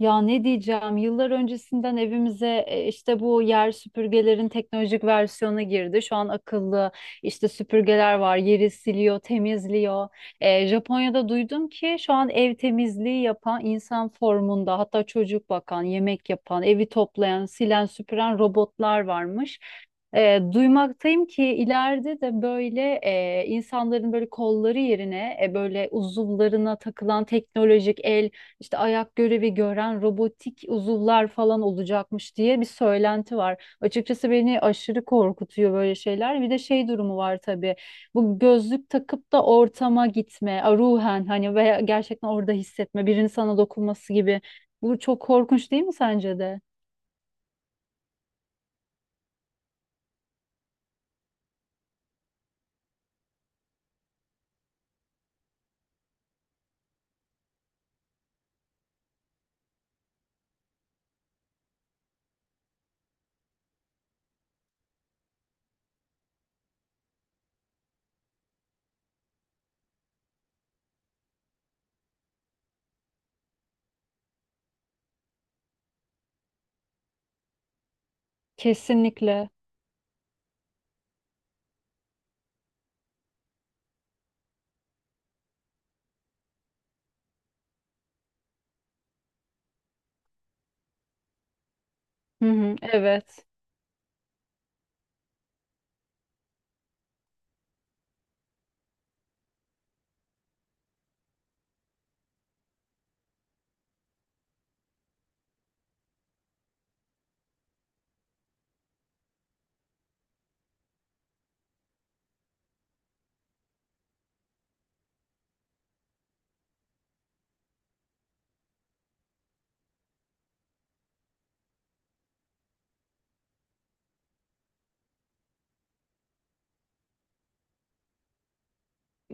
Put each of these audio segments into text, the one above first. Ya ne diyeceğim? Yıllar öncesinden evimize işte bu yer süpürgelerin teknolojik versiyonu girdi. Şu an akıllı işte süpürgeler var. Yeri siliyor, temizliyor. Japonya'da duydum ki şu an ev temizliği yapan insan formunda, hatta çocuk bakan, yemek yapan, evi toplayan, silen, süpüren robotlar varmış. Duymaktayım ki ileride de böyle insanların böyle kolları yerine böyle uzuvlarına takılan teknolojik el işte ayak görevi gören robotik uzuvlar falan olacakmış diye bir söylenti var. Açıkçası beni aşırı korkutuyor böyle şeyler. Bir de şey durumu var tabii. Bu gözlük takıp da ortama gitme, ruhen hani veya gerçekten orada hissetme, birinin sana dokunması gibi. Bu çok korkunç değil mi sence de? Kesinlikle. Hı hı, evet.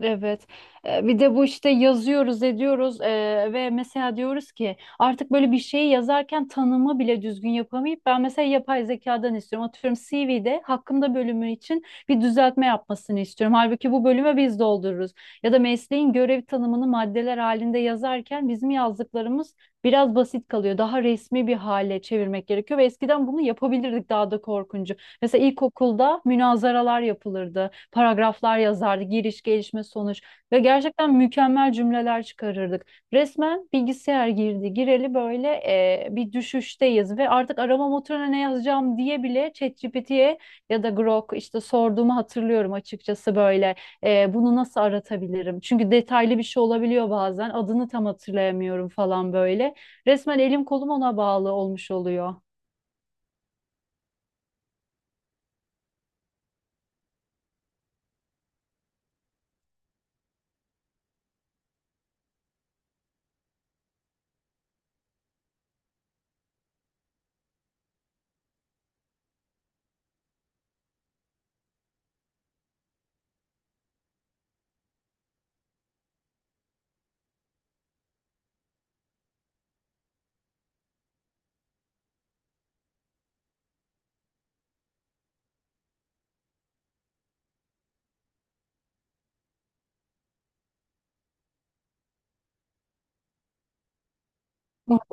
Evet. Bir de bu işte yazıyoruz, ediyoruz ve mesela diyoruz ki artık böyle bir şeyi yazarken tanımı bile düzgün yapamayıp ben mesela yapay zekadan istiyorum. Atıyorum CV'de hakkımda bölümü için bir düzeltme yapmasını istiyorum. Halbuki bu bölümü biz doldururuz. Ya da mesleğin görev tanımını maddeler halinde yazarken bizim yazdıklarımız biraz basit kalıyor. Daha resmi bir hale çevirmek gerekiyor ve eskiden bunu yapabilirdik daha da korkunç. Mesela ilkokulda münazaralar yapılırdı, paragraflar yazardı, giriş, gelişme, sonuç ve gerçekten mükemmel cümleler çıkarırdık. Resmen bilgisayar girdi, gireli böyle bir düşüşteyiz ve artık arama motoruna ne yazacağım diye bile ChatGPT'ye ya da Grok işte sorduğumu hatırlıyorum açıkçası böyle. Bunu nasıl aratabilirim? Çünkü detaylı bir şey olabiliyor bazen, adını tam hatırlayamıyorum falan böyle. Resmen elim kolum ona bağlı olmuş oluyor.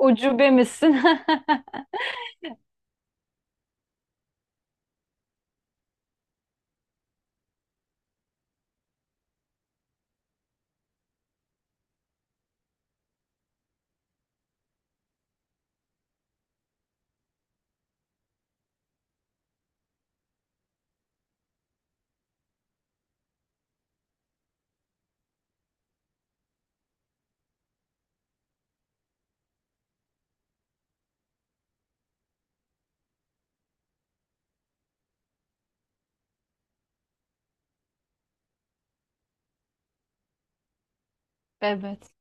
Ucube misin? Evet.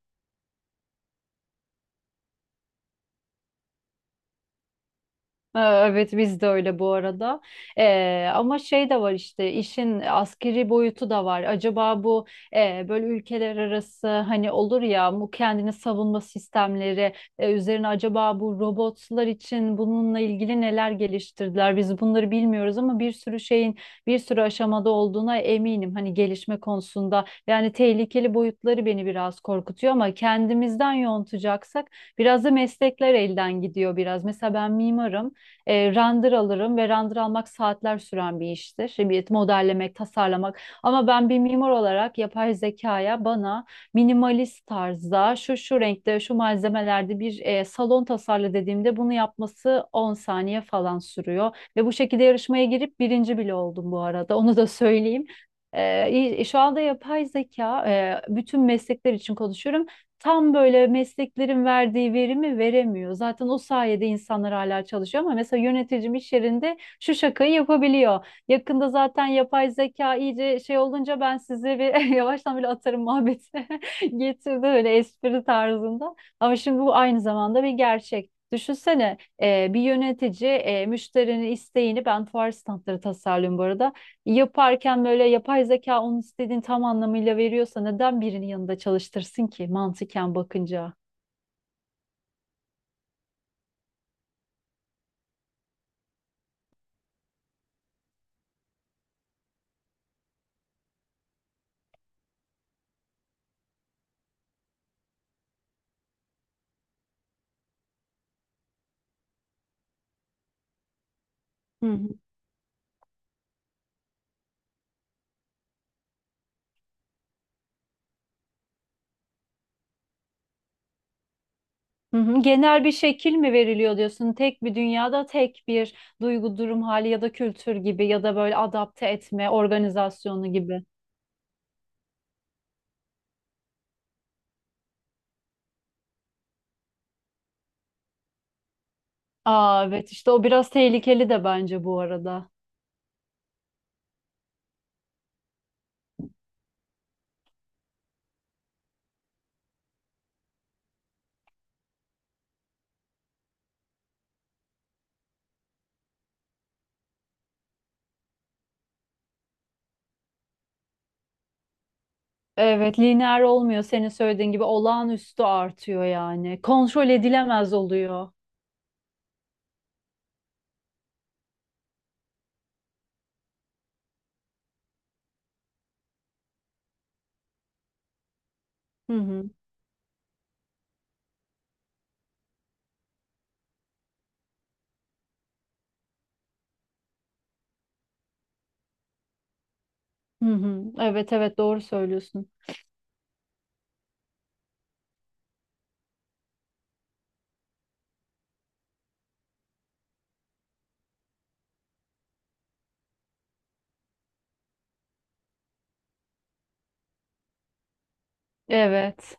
Evet, biz de öyle bu arada. Ama şey de var işte işin askeri boyutu da var. Acaba bu böyle ülkeler arası hani olur ya bu kendini savunma sistemleri üzerine acaba bu robotlar için bununla ilgili neler geliştirdiler? Biz bunları bilmiyoruz ama bir sürü şeyin bir sürü aşamada olduğuna eminim. Hani gelişme konusunda yani tehlikeli boyutları beni biraz korkutuyor ama kendimizden yontacaksak biraz da meslekler elden gidiyor biraz. Mesela ben mimarım. Render alırım ve render almak saatler süren bir iştir. Bir modellemek, tasarlamak. Ama ben bir mimar olarak yapay zekaya bana minimalist tarzda şu şu renkte, şu malzemelerde bir salon tasarla dediğimde bunu yapması 10 saniye falan sürüyor. Ve bu şekilde yarışmaya girip birinci bile oldum bu arada. Onu da söyleyeyim. Ee, şu anda yapay zeka bütün meslekler için konuşuyorum tam böyle mesleklerin verdiği verimi veremiyor. Zaten o sayede insanlar hala çalışıyor ama mesela yöneticim iş yerinde şu şakayı yapabiliyor. Yakında zaten yapay zeka iyice şey olunca ben sizi bir yavaştan böyle atarım muhabbeti getirdi böyle espri tarzında. Ama şimdi bu aynı zamanda bir gerçek. Düşünsene bir yönetici müşterinin isteğini ben fuar standları tasarlıyorum bu arada yaparken böyle yapay zeka onun istediğini tam anlamıyla veriyorsa neden birinin yanında çalıştırsın ki mantıken bakınca? Hı hı. Hı hı. Genel bir şekil mi veriliyor diyorsun? Tek bir dünyada tek bir duygu, durum hali ya da kültür gibi ya da böyle adapte etme, organizasyonu gibi. Aa evet, işte o biraz tehlikeli de bence bu arada. Evet, lineer olmuyor senin söylediğin gibi, olağanüstü artıyor yani. Kontrol edilemez oluyor. Hı hı. Hı hı. Evet, evet, doğru söylüyorsun. Evet.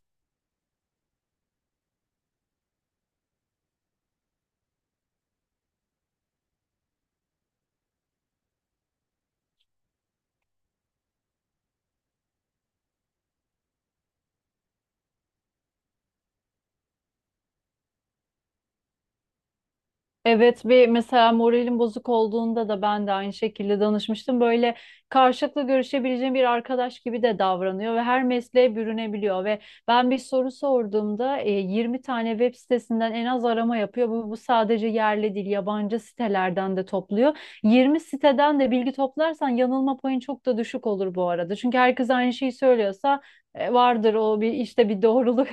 Evet, bir mesela moralim bozuk olduğunda da ben de aynı şekilde danışmıştım. Böyle karşılıklı görüşebileceğim bir arkadaş gibi de davranıyor ve her mesleğe bürünebiliyor ve ben bir soru sorduğumda 20 tane web sitesinden en az arama yapıyor. Bu sadece yerli değil, yabancı sitelerden de topluyor. 20 siteden de bilgi toplarsan yanılma payın çok da düşük olur bu arada. Çünkü herkes aynı şeyi söylüyorsa vardır o bir işte bir doğruluk,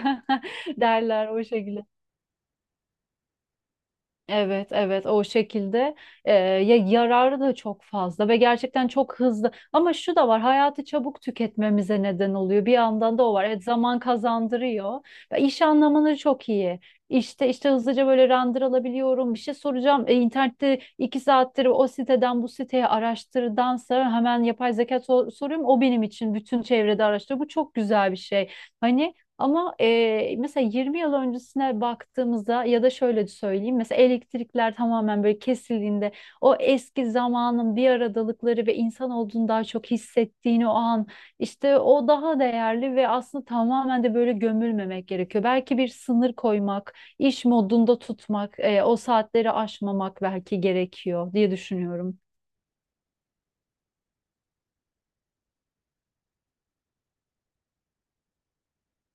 derler o şekilde. Evet, evet, o şekilde. Ya yararı da çok fazla ve gerçekten çok hızlı. Ama şu da var, hayatı çabuk tüketmemize neden oluyor. Bir yandan da o var. Evet, zaman kazandırıyor. Ya iş anlamını çok iyi. İşte hızlıca böyle render alabiliyorum. Bir şey soracağım. E, internette 2 saattir o siteden bu siteye araştırdansa hemen yapay zeka soruyorum. O benim için bütün çevrede araştırıyor. Bu çok güzel bir şey. Hani ama mesela 20 yıl öncesine baktığımızda ya da şöyle söyleyeyim, mesela elektrikler tamamen böyle kesildiğinde o eski zamanın bir aradalıkları ve insan olduğunu daha çok hissettiğini o an işte, o daha değerli ve aslında tamamen de böyle gömülmemek gerekiyor. Belki bir sınır koymak, iş modunda tutmak, o saatleri aşmamak belki gerekiyor diye düşünüyorum.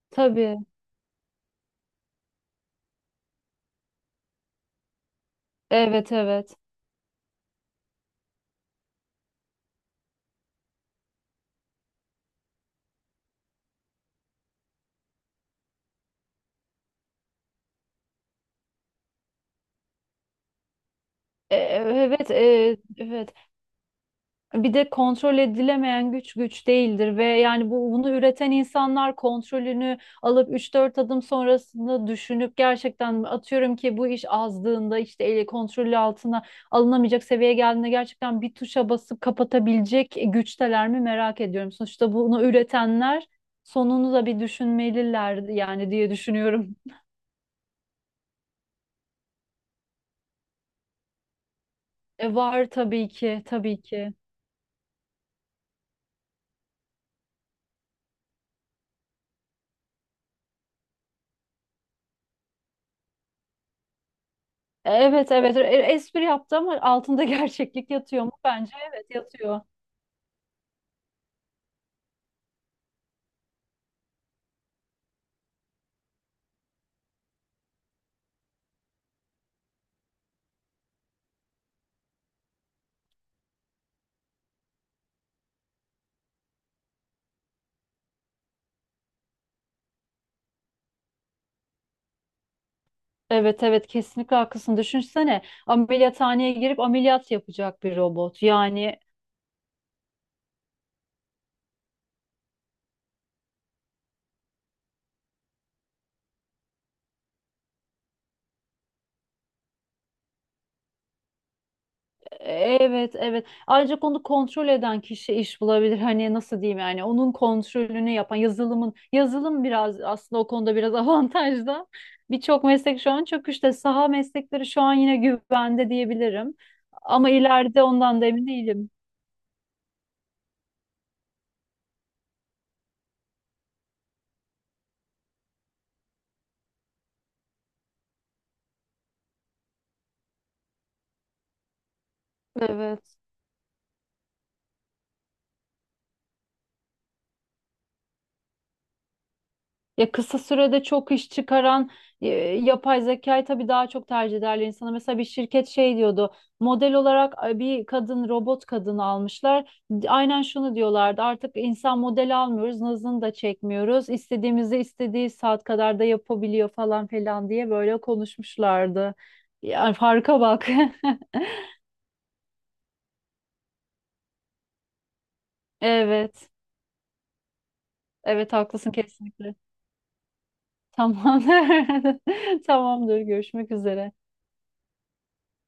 Tabii. Evet, evet. Evet, evet. Bir de kontrol edilemeyen güç güç değildir ve yani bu bunu üreten insanlar kontrolünü alıp üç dört adım sonrasında düşünüp gerçekten atıyorum ki bu iş azdığında işte ele kontrolü altına alınamayacak seviyeye geldiğinde gerçekten bir tuşa basıp kapatabilecek güçteler mi merak ediyorum. Sonuçta bunu üretenler sonunu da bir düşünmeliler yani diye düşünüyorum. Var tabii ki tabii ki. Evet, evet. Espri yaptı ama altında gerçeklik yatıyor mu? Bence evet, yatıyor. Evet, evet, kesinlikle haklısın. Düşünsene ameliyathaneye girip ameliyat yapacak bir robot. Yani, evet, evet. Ancak onu kontrol eden kişi iş bulabilir. Hani nasıl diyeyim, yani onun kontrolünü yapan yazılım biraz aslında o konuda biraz avantajda. Birçok meslek şu an çok işte, saha meslekleri şu an yine güvende diyebilirim. Ama ileride ondan da emin değilim. Evet. Ya kısa sürede çok iş çıkaran e, yapay zekayı tabii daha çok tercih ederler insana. Mesela bir şirket şey diyordu. Model olarak bir kadın, robot kadın almışlar. Aynen şunu diyorlardı. Artık insan model almıyoruz, nazını da çekmiyoruz. İstediğimizi istediği saat kadar da yapabiliyor falan filan diye böyle konuşmuşlardı. Yani farka bak. Evet. Evet, haklısın kesinlikle. Tamam. Tamamdır. Görüşmek üzere.